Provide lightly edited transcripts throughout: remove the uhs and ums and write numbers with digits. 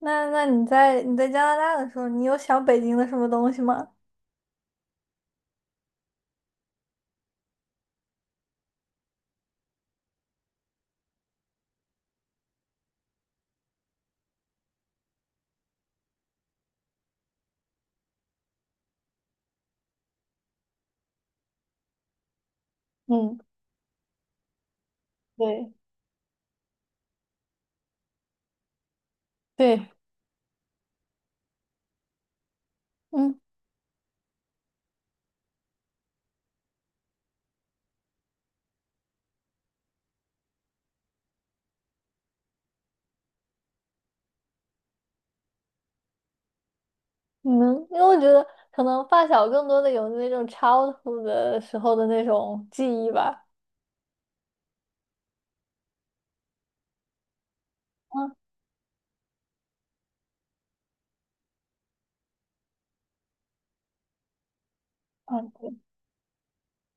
那你在你在加拿大的时候，你有想北京的什么东西吗？嗯，对对，嗯，你能，因为我觉得可能发小更多的有那种 childhood 的时候的那种记忆吧。嗯嗯，对，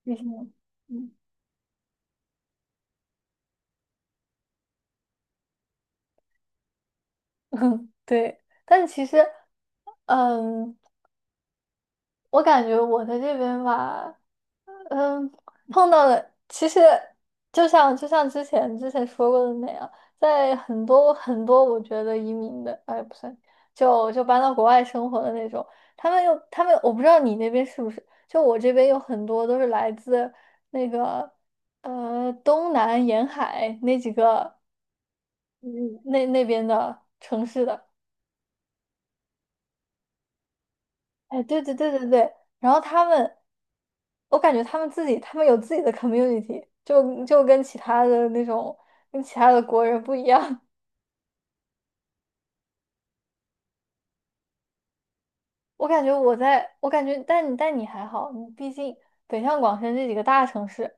就是那种。嗯。对，但其实，嗯，我感觉我在这边吧。嗯，碰到了，其实就像之前说过的那样，在很多很多我觉得移民的，哎，不算，就搬到国外生活的那种，他们，我不知道你那边是不是，就我这边有很多都是来自那个东南沿海那几个，嗯，那那边的城市的。哎，对对对对对，然后他们，我感觉他们自己，他们有自己的 community,就跟其他的那种，跟其他的国人不一样。我感觉我在，我感觉，但你还好，你毕竟北上广深这几个大城市，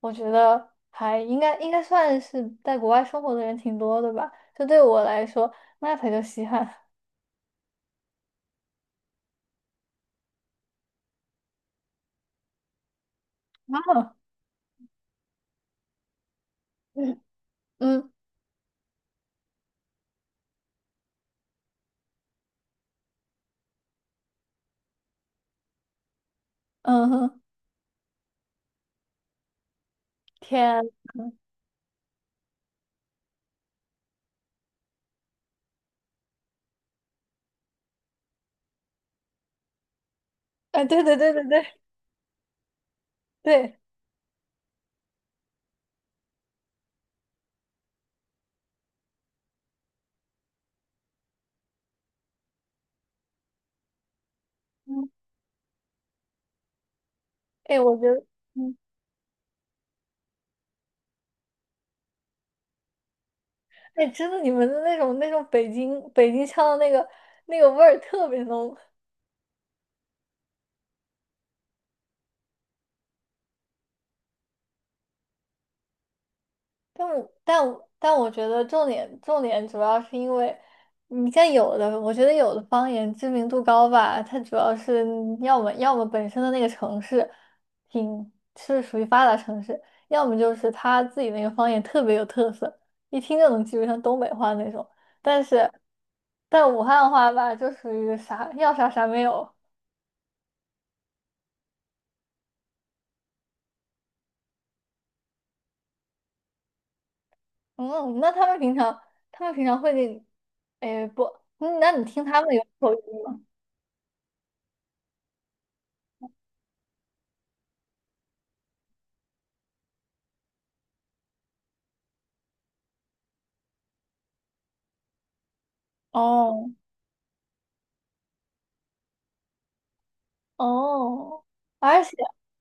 我觉得还应该算是在国外生活的人挺多的吧。就对我来说，那才叫稀罕。啊，嗯嗯。嗯哼，天，哎，对对对对对对，嗯，哎，我觉得。嗯。哎，真的，你们的那种北京腔的那个那个味儿特别浓，但我觉得重点主要是因为你像有的，我觉得有的方言知名度高吧，它主要是要么本身的那个城市挺是属于发达城市，要么就是他自己那个方言特别有特色，一听就能记住像东北话那种。但是但武汉话吧，就属于啥要啥啥没有，嗯，那他们平常，他们平常会给你，哎，不，嗯，那你听他们有口音吗？哦。哦，而且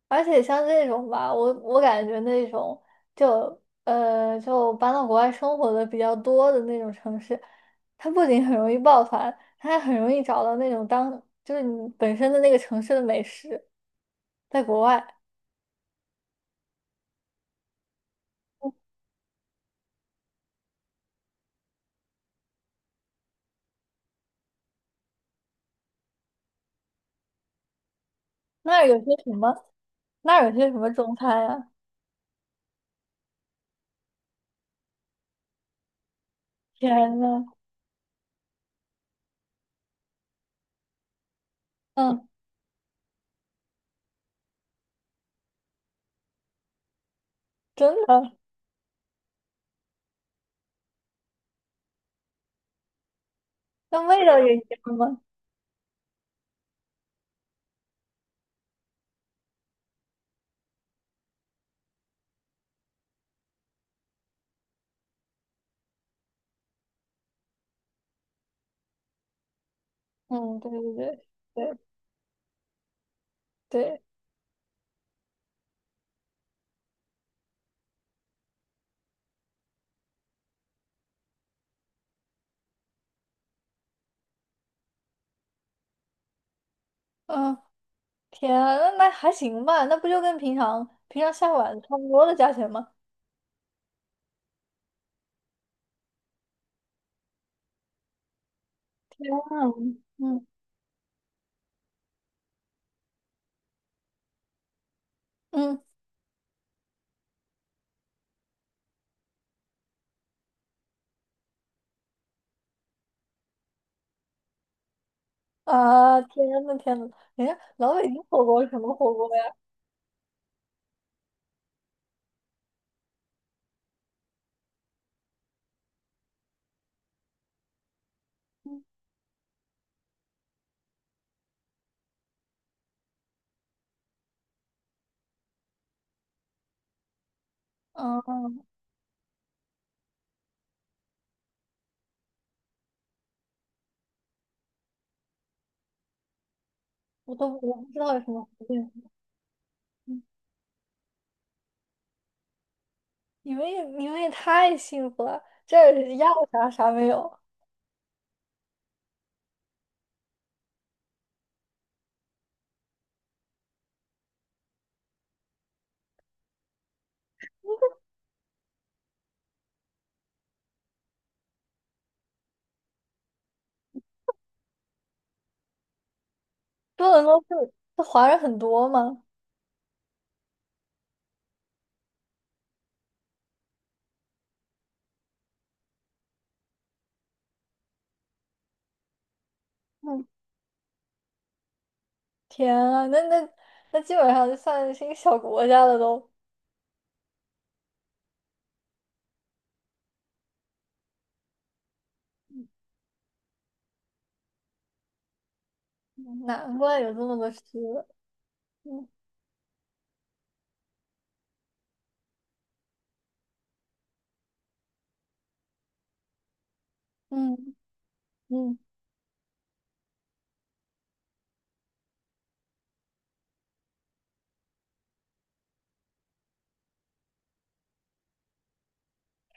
而且像这种吧，我感觉那种就搬到国外生活的比较多的那种城市，它不仅很容易抱团，它还很容易找到那种当就是你本身的那个城市的美食，在国外那儿有些什么，那儿有些什么中餐啊？天呐，嗯，真的，那味道也一样吗？嗯，对对对对对，嗯，天啊，那那还行吧，那不就跟平常下馆子差不多的价钱吗？嗯，嗯嗯。啊，天呐天呐，人家老北京火锅是什么火锅呀？嗯，嗯，我不知道有什么火锅。嗯，你们也你们也太幸福了，这儿要啥啥没有。多伦多是是华人很多吗？嗯，天啊，那那基本上就算是一个小国家了都。难怪有这么多吃的，嗯嗯嗯，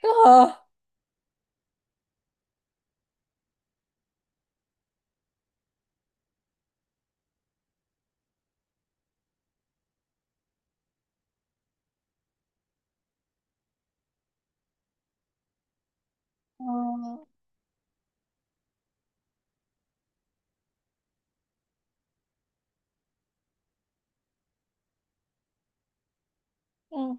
真好。嗯嗯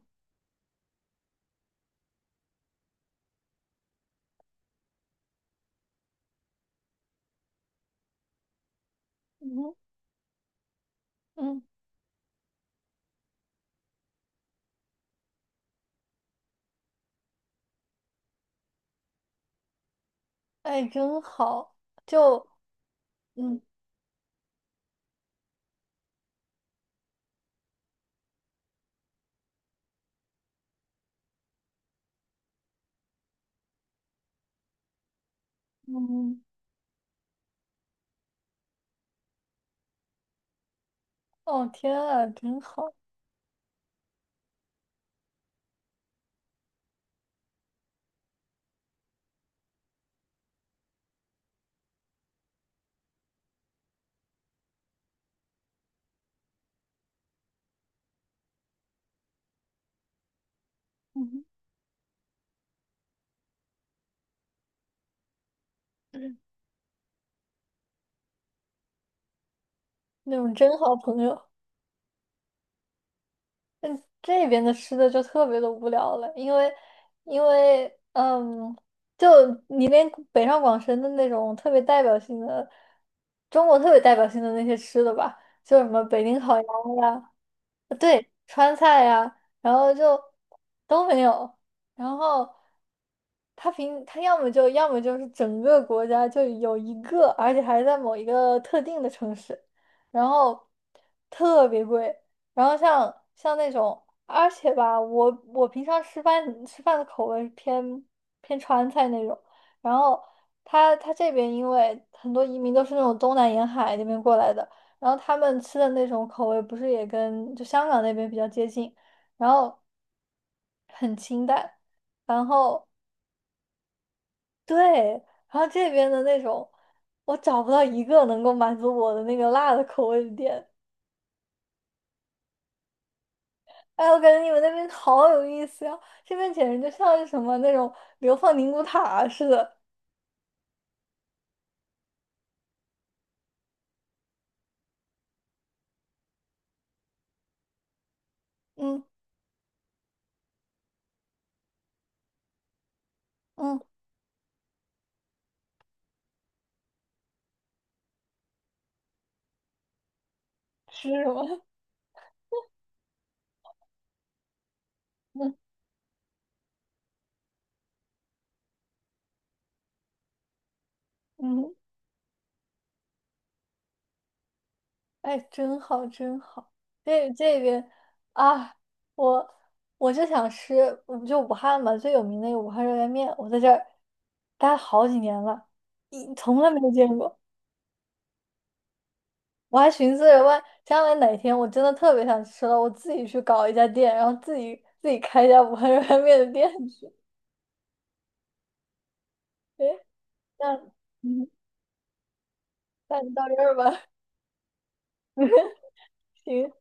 嗯嗯，哎，真好。就嗯嗯，哦天啊，真好。嗯，那种真好朋友。嗯，这边的吃的就特别的无聊了，因为嗯，就你连北上广深的那种特别代表性的，中国特别代表性的那些吃的吧，就什么北京烤鸭呀。川菜呀，然后就都没有。然后他平他要么就是整个国家就有一个，而且还在某一个特定的城市，然后特别贵。然后像那种，而且吧，我我平常吃饭的口味偏川菜那种，然后他这边因为很多移民都是那种东南沿海那边过来的。然后他们吃的那种口味不是也跟就香港那边比较接近，然后很清淡，然后对，然后这边的那种，我找不到一个能够满足我的那个辣的口味的店。哎，我感觉你们那边好有意思呀，这边简直就像是什么那种流放宁古塔啊似的。嗯嗯，吃什么？嗯嗯。哎，真好，真好。这这边，啊，我我就想吃，我就武汉嘛，最有名的那个武汉热干面，我在这儿待了好几年了，一从来没有见过。我还寻思着，万将来哪天我真的特别想吃了，我自己去搞一家店，然后自己开一家武汉热干面的店去。哎，那嗯，那你到这儿吧，行。